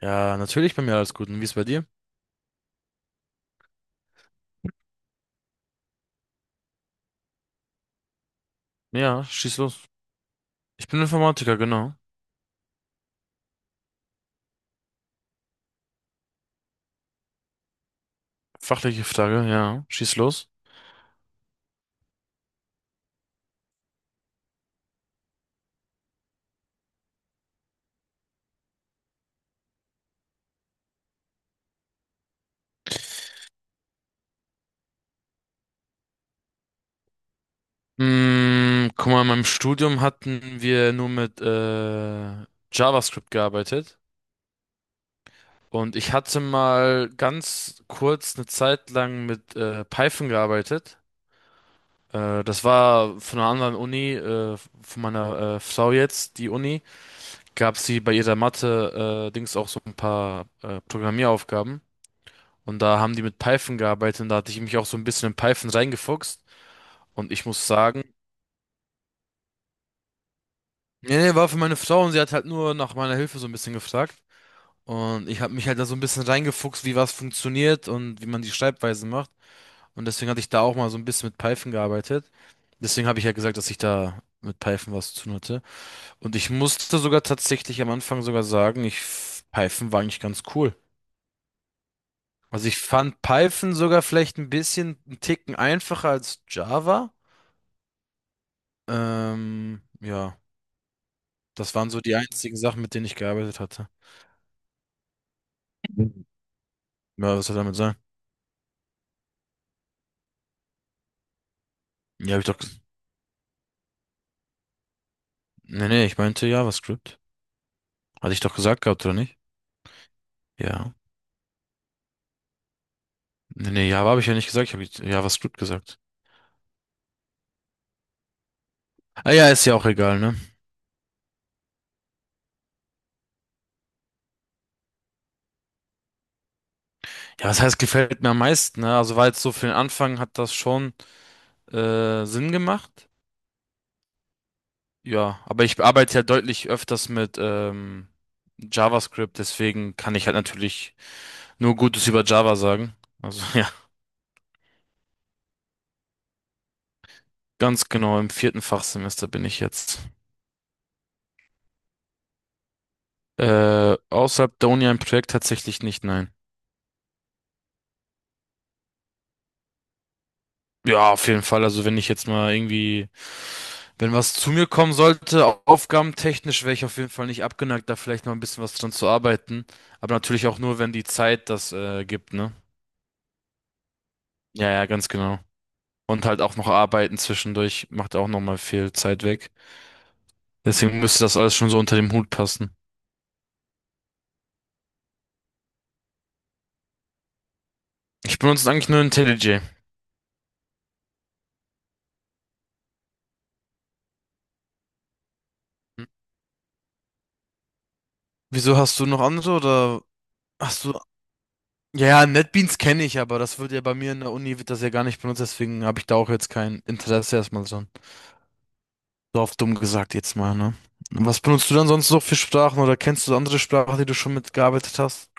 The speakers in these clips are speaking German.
Ja, natürlich bei mir alles gut. Und wie ist bei dir? Ja, schieß los. Ich bin Informatiker, genau. Fachliche Frage, ja. Schieß los. Mm, guck mal, in meinem Studium hatten wir nur mit JavaScript gearbeitet. Und ich hatte mal ganz kurz eine Zeit lang mit Python gearbeitet. Das war von einer anderen Uni, von meiner Frau jetzt, die Uni. Gab sie bei ihrer Mathe-Dings auch so ein paar Programmieraufgaben. Und da haben die mit Python gearbeitet und da hatte ich mich auch so ein bisschen in Python reingefuchst. Und ich muss sagen, nee, nee, war für meine Frau und sie hat halt nur nach meiner Hilfe so ein bisschen gefragt. Und ich habe mich halt da so ein bisschen reingefuchst, wie was funktioniert und wie man die Schreibweise macht. Und deswegen hatte ich da auch mal so ein bisschen mit Python gearbeitet. Deswegen habe ich ja gesagt, dass ich da mit Python was zu tun hatte. Und ich musste sogar tatsächlich am Anfang sogar sagen, ich, Python war eigentlich ganz cool. Also ich fand Python sogar vielleicht ein bisschen einen Ticken einfacher als Java. Ja, das waren so die einzigen Sachen, mit denen ich gearbeitet hatte. Mhm. Ja, was soll damit sein? Ja, hab ich doch. Nee, nee, ich meinte JavaScript. Hatte ich doch gesagt gehabt, oder nicht? Ja. Nee, nee, Java habe ich ja nicht gesagt, ich habe JavaScript gesagt. Ah ja, ist ja auch egal, ne? Ja, was heißt, gefällt mir am meisten, ne? Also war jetzt so für den Anfang hat das schon Sinn gemacht. Ja, aber ich arbeite ja deutlich öfters mit JavaScript, deswegen kann ich halt natürlich nur Gutes über Java sagen. Also Ganz genau, im vierten Fachsemester bin ich jetzt. Außerhalb der Uni ein Projekt tatsächlich nicht, nein. Ja, auf jeden Fall. Also wenn ich jetzt mal irgendwie, wenn was zu mir kommen sollte, aufgabentechnisch wäre ich auf jeden Fall nicht abgeneigt, da vielleicht mal ein bisschen was dran zu arbeiten. Aber natürlich auch nur, wenn die Zeit das gibt, ne? Ja, ja, ganz genau. Und halt auch noch arbeiten zwischendurch macht auch nochmal viel Zeit weg. Deswegen müsste das alles schon so unter dem Hut passen. Ich benutze eigentlich nur IntelliJ. Wieso, hast du noch andere oder hast du? Ja, ja, NetBeans kenne ich, aber das wird ja bei mir in der Uni, wird das ja gar nicht benutzt, deswegen habe ich da auch jetzt kein Interesse erstmal so. So auf dumm gesagt jetzt mal, ne? Was benutzt du dann sonst noch für Sprachen oder kennst du andere Sprachen, die du schon mitgearbeitet hast?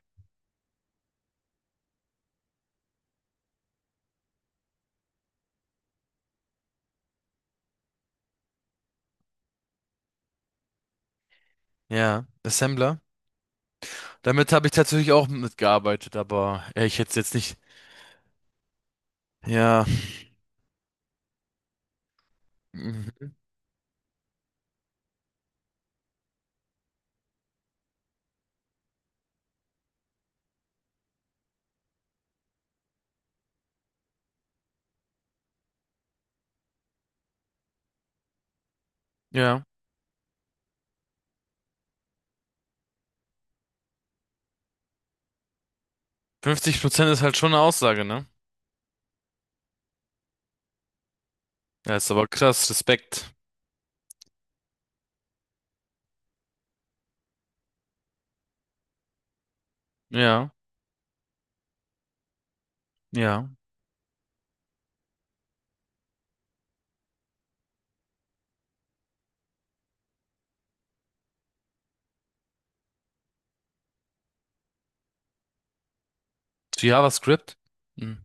Ja, Assembler. Damit habe ich tatsächlich auch mitgearbeitet, aber ich hätte es jetzt nicht. Ja, mhm, ja. 50% ist halt schon eine Aussage, ne? Ja, ist aber krass, Respekt. Ja, ja. Zu JavaScript? Hm.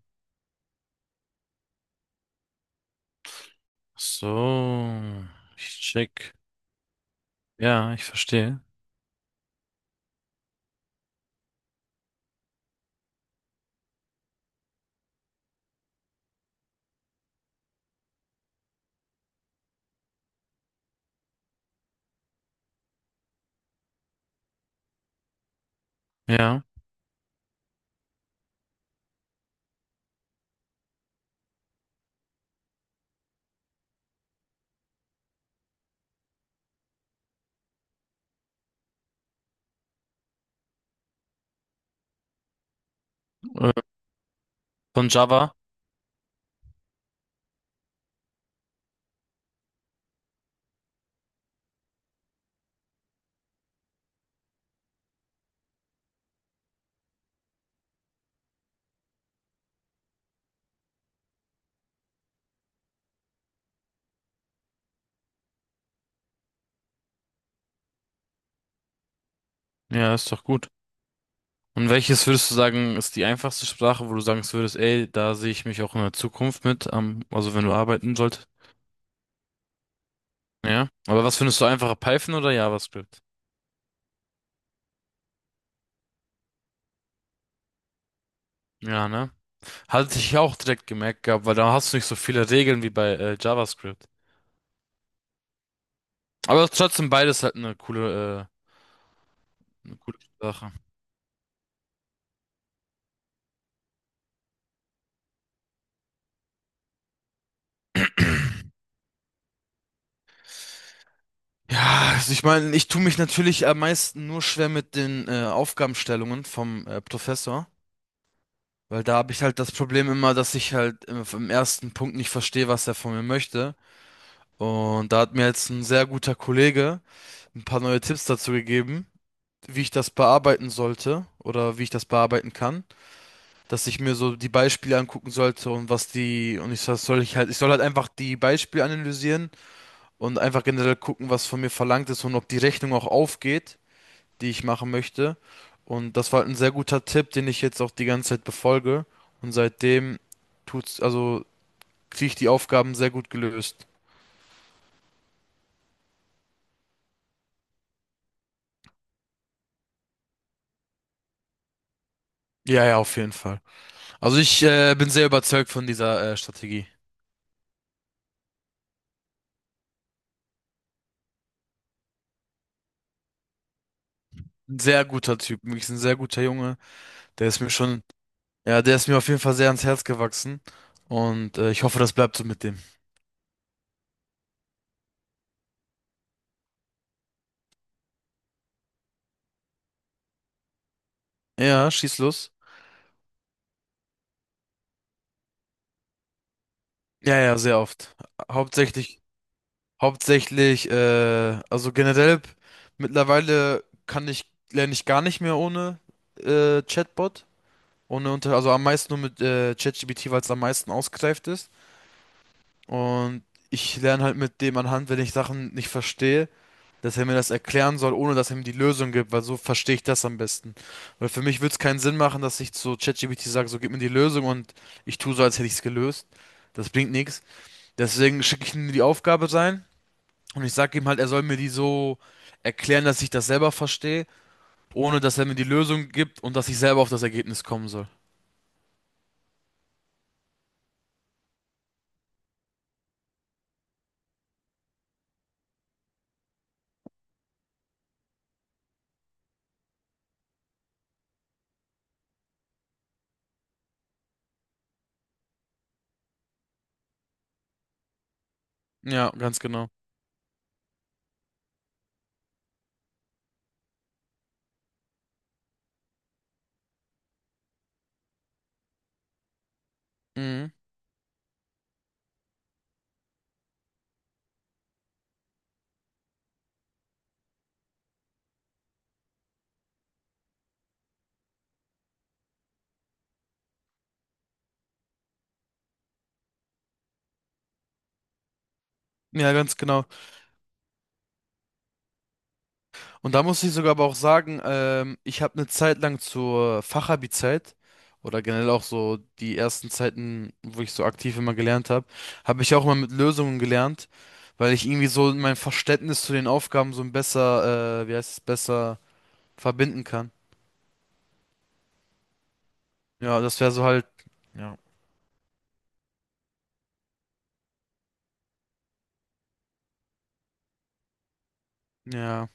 So, ich check. Ja, ich verstehe. Ja, äh, von Java. Ja, ist doch gut. Und welches würdest du sagen, ist die einfachste Sprache, wo du sagen würdest, ey, da sehe ich mich auch in der Zukunft mit, also wenn du arbeiten solltest? Ja. Aber was findest du einfacher, Python oder JavaScript? Ja, ne? Hatte ich auch direkt gemerkt gehabt, weil da hast du nicht so viele Regeln wie bei JavaScript. Aber trotzdem beides halt eine coole Sache. Ja, also ich meine, ich tue mich natürlich am meisten nur schwer mit den Aufgabenstellungen vom Professor. Weil da habe ich halt das Problem immer, dass ich halt im ersten Punkt nicht verstehe, was er von mir möchte. Und da hat mir jetzt ein sehr guter Kollege ein paar neue Tipps dazu gegeben, wie ich das bearbeiten sollte oder wie ich das bearbeiten kann. Dass ich mir so die Beispiele angucken sollte und was die, und ich soll halt einfach die Beispiele analysieren und einfach generell gucken, was von mir verlangt ist und ob die Rechnung auch aufgeht, die ich machen möchte. Und das war halt ein sehr guter Tipp, den ich jetzt auch die ganze Zeit befolge. Und seitdem tut's, also kriege ich die Aufgaben sehr gut gelöst. Ja, ja, auf jeden Fall. Also ich bin sehr überzeugt von dieser Strategie. Ein sehr guter Typ, wirklich ein sehr guter Junge. Der ist mir schon, ja, der ist mir auf jeden Fall sehr ans Herz gewachsen. Und ich hoffe, das bleibt so mit dem. Ja, schieß los. Ja, ja, sehr oft. Hauptsächlich Hauptsächlich, also generell mittlerweile kann ich, lerne ich gar nicht mehr ohne Chatbot. Ohne unter, also am meisten nur mit ChatGPT, weil es am meisten ausgereift ist. Und ich lerne halt mit dem anhand, wenn ich Sachen nicht verstehe, dass er mir das erklären soll, ohne dass er mir die Lösung gibt, weil so verstehe ich das am besten. Weil für mich würde es keinen Sinn machen, dass ich zu ChatGPT sage, so gib mir die Lösung und ich tue so, als hätte ich es gelöst. Das bringt nichts. Deswegen schicke ich ihm die Aufgabe rein. Und ich sage ihm halt, er soll mir die so erklären, dass ich das selber verstehe, ohne dass er mir die Lösung gibt und dass ich selber auf das Ergebnis kommen soll. Ja, ganz genau. Mhm. Ja, ganz genau. Und da muss ich sogar aber auch sagen, ich habe eine Zeit lang zur Fachabi-Zeit oder generell auch so die ersten Zeiten, wo ich so aktiv immer gelernt habe, habe ich auch immer mit Lösungen gelernt, weil ich irgendwie so mein Verständnis zu den Aufgaben so ein besser, wie heißt es, besser verbinden kann. Ja, das wäre so halt. Ja. Ja.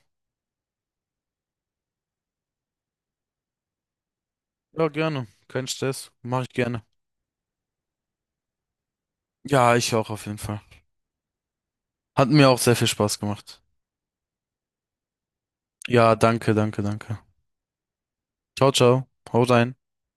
Ja, gerne. Kein Stress. Mache ich gerne. Ja, ich auch auf jeden Fall. Hat mir auch sehr viel Spaß gemacht. Ja, danke, danke, danke. Ciao, ciao. Hau rein.